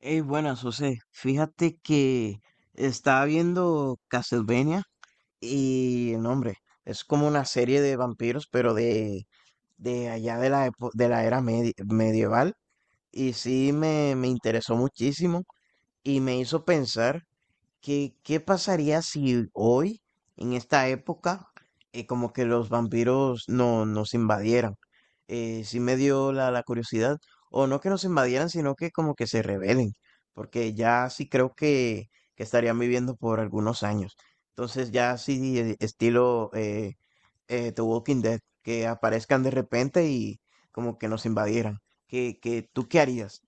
Hey, buenas, José. Fíjate que estaba viendo Castlevania, y el nombre es como una serie de vampiros, pero de allá de la era medieval. Y sí me interesó muchísimo y me hizo pensar, ¿qué pasaría si hoy, en esta época, como que los vampiros no, nos invadieran? Sí me dio la curiosidad, o no que nos invadieran, sino que como que se rebelen, porque ya sí creo que estarían viviendo por algunos años. Entonces ya sí, estilo The Walking Dead, que aparezcan de repente y como que nos invadieran. ¿Tú qué harías?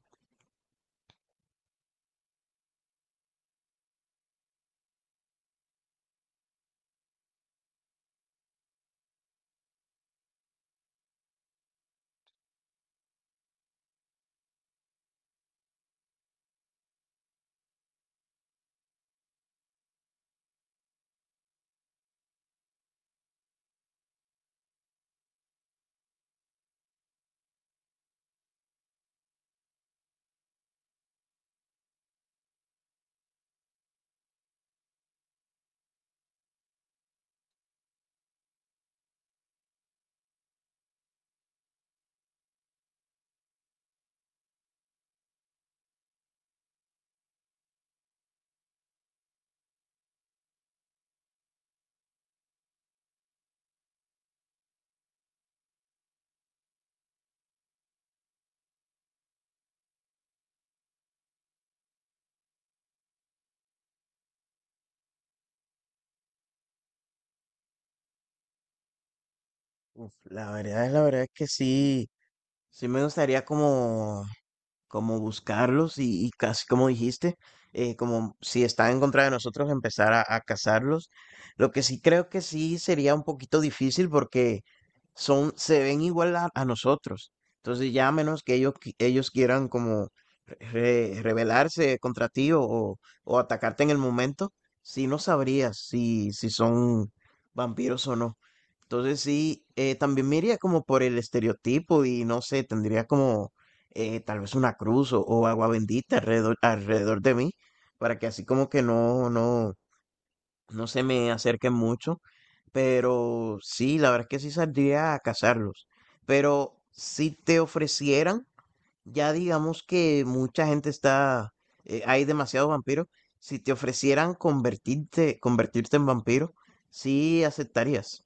Uf, la verdad es que sí, sí me gustaría como buscarlos, y casi como dijiste, como si están en contra de nosotros, empezar a cazarlos. Lo que sí creo que sí sería un poquito difícil porque son, se ven igual a nosotros. Entonces ya, a menos que ellos quieran como rebelarse contra ti o o- atacarte en el momento, sí no sabrías si son vampiros o no. Entonces sí, también me iría como por el estereotipo, y no sé, tendría como tal vez una cruz o agua bendita alrededor de mí, para que así como que no se me acerquen mucho. Pero sí, la verdad es que sí saldría a cazarlos. Pero si te ofrecieran, ya digamos que mucha gente está, hay demasiados vampiros, si te ofrecieran convertirte en vampiro, sí aceptarías.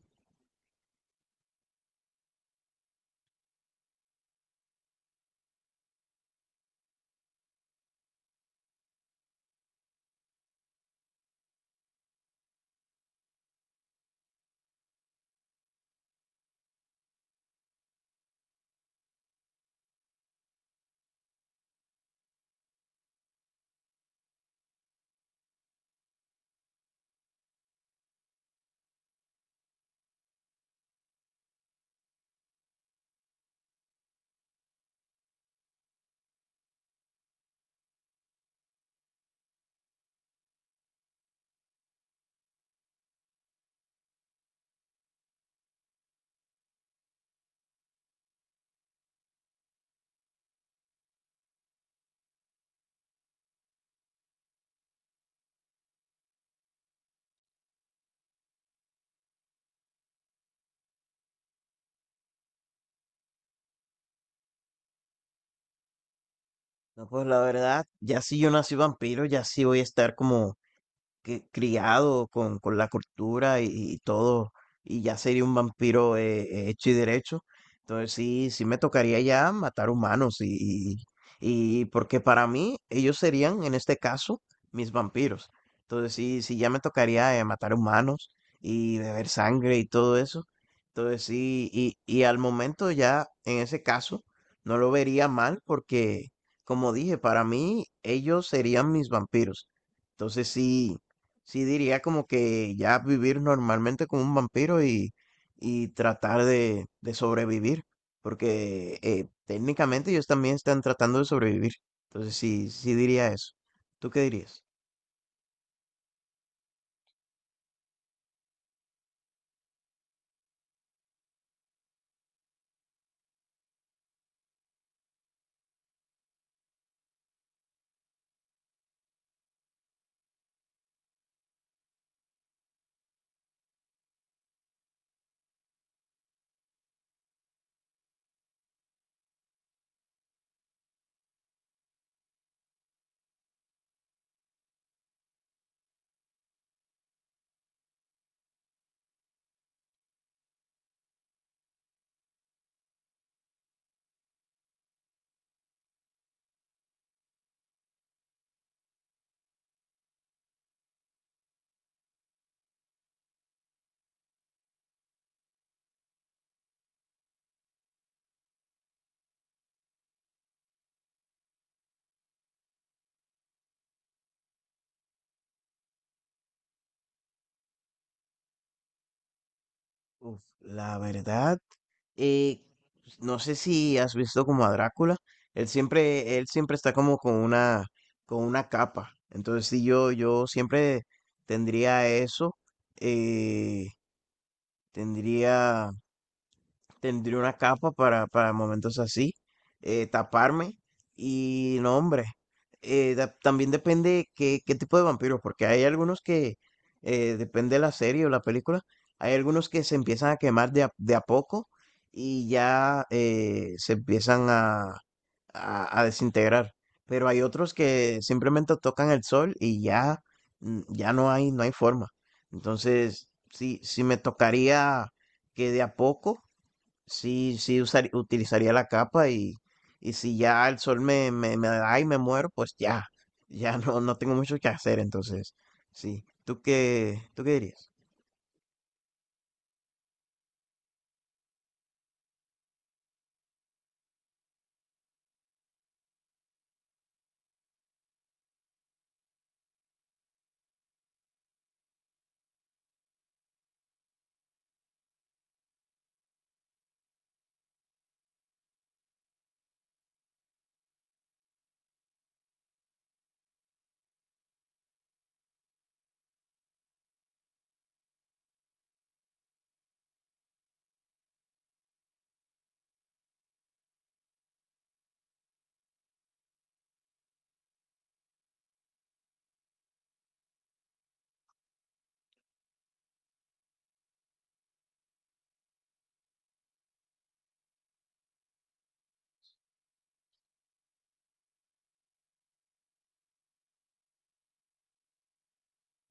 No, pues la verdad, ya si yo nací vampiro, ya sí voy a estar como criado con la cultura y todo, y ya sería un vampiro hecho y derecho. Entonces sí, sí me tocaría ya matar humanos y porque para mí ellos serían, en este caso, mis vampiros. Entonces sí, sí ya me tocaría matar humanos y beber sangre y todo eso. Entonces sí, y al momento ya, en ese caso, no lo vería mal porque, como dije, para mí ellos serían mis vampiros. Entonces sí, diría como que ya vivir normalmente como un vampiro, y tratar de sobrevivir, porque técnicamente ellos también están tratando de sobrevivir. Entonces sí, sí diría eso. ¿Tú qué dirías? Uf, la verdad, eh, no sé si has visto como a Drácula. Él siempre está como con una capa. Entonces sí, yo siempre tendría eso. eh, tendría Tendría una capa para momentos así, taparme y no, hombre. También depende qué tipo de vampiros, porque hay algunos que, depende de la serie o la película, hay algunos que se empiezan a quemar de a poco, y ya se empiezan a desintegrar. Pero hay otros que simplemente tocan el sol y ya, ya no hay forma. Entonces, sí, sí me tocaría que de a poco, sí, sí, utilizaría la capa, y si ya el sol me da y me muero, pues ya, ya no tengo mucho que hacer, entonces, sí. ¿Tú qué dirías?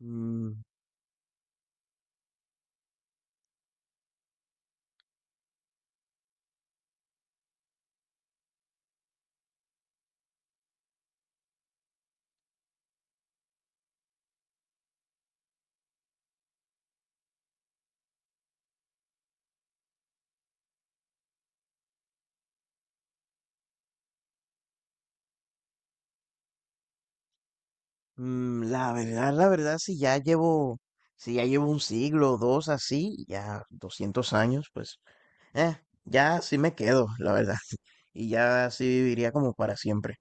Mm, la verdad, si ya llevo un siglo o dos así, ya 200 años, pues, eh, ya sí me quedo, la verdad. Y ya así viviría como para siempre.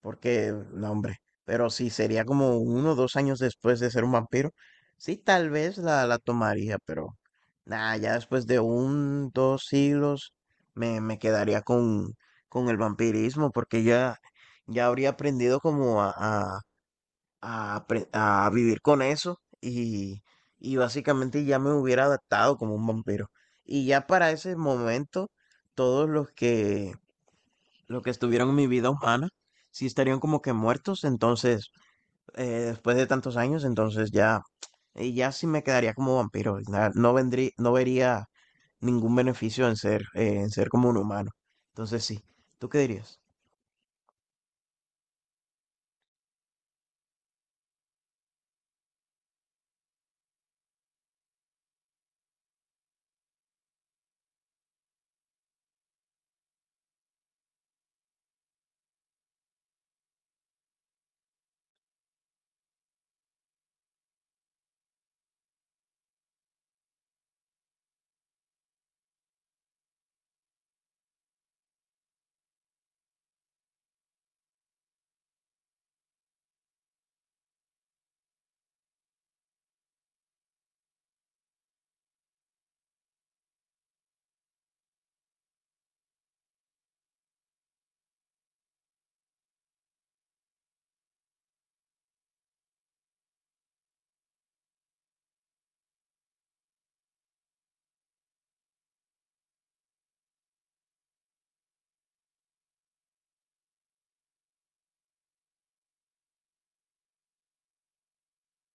Porque, no, hombre, pero si sería como 1 o 2 años después de ser un vampiro, sí, tal vez la tomaría, pero nada, ya después de un, 2 siglos me quedaría con el vampirismo porque ya, ya habría aprendido como a vivir con eso, y básicamente ya me hubiera adaptado como un vampiro. Y ya para ese momento, todos los que estuvieron en mi vida humana, sí estarían como que muertos, entonces, eh, después de tantos años, entonces ya, y ya sí me quedaría como vampiro. No vendría, no vería ningún beneficio en ser como un humano. Entonces sí, ¿tú qué dirías?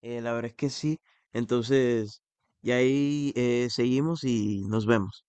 La verdad es que sí, entonces, y ahí seguimos y nos vemos.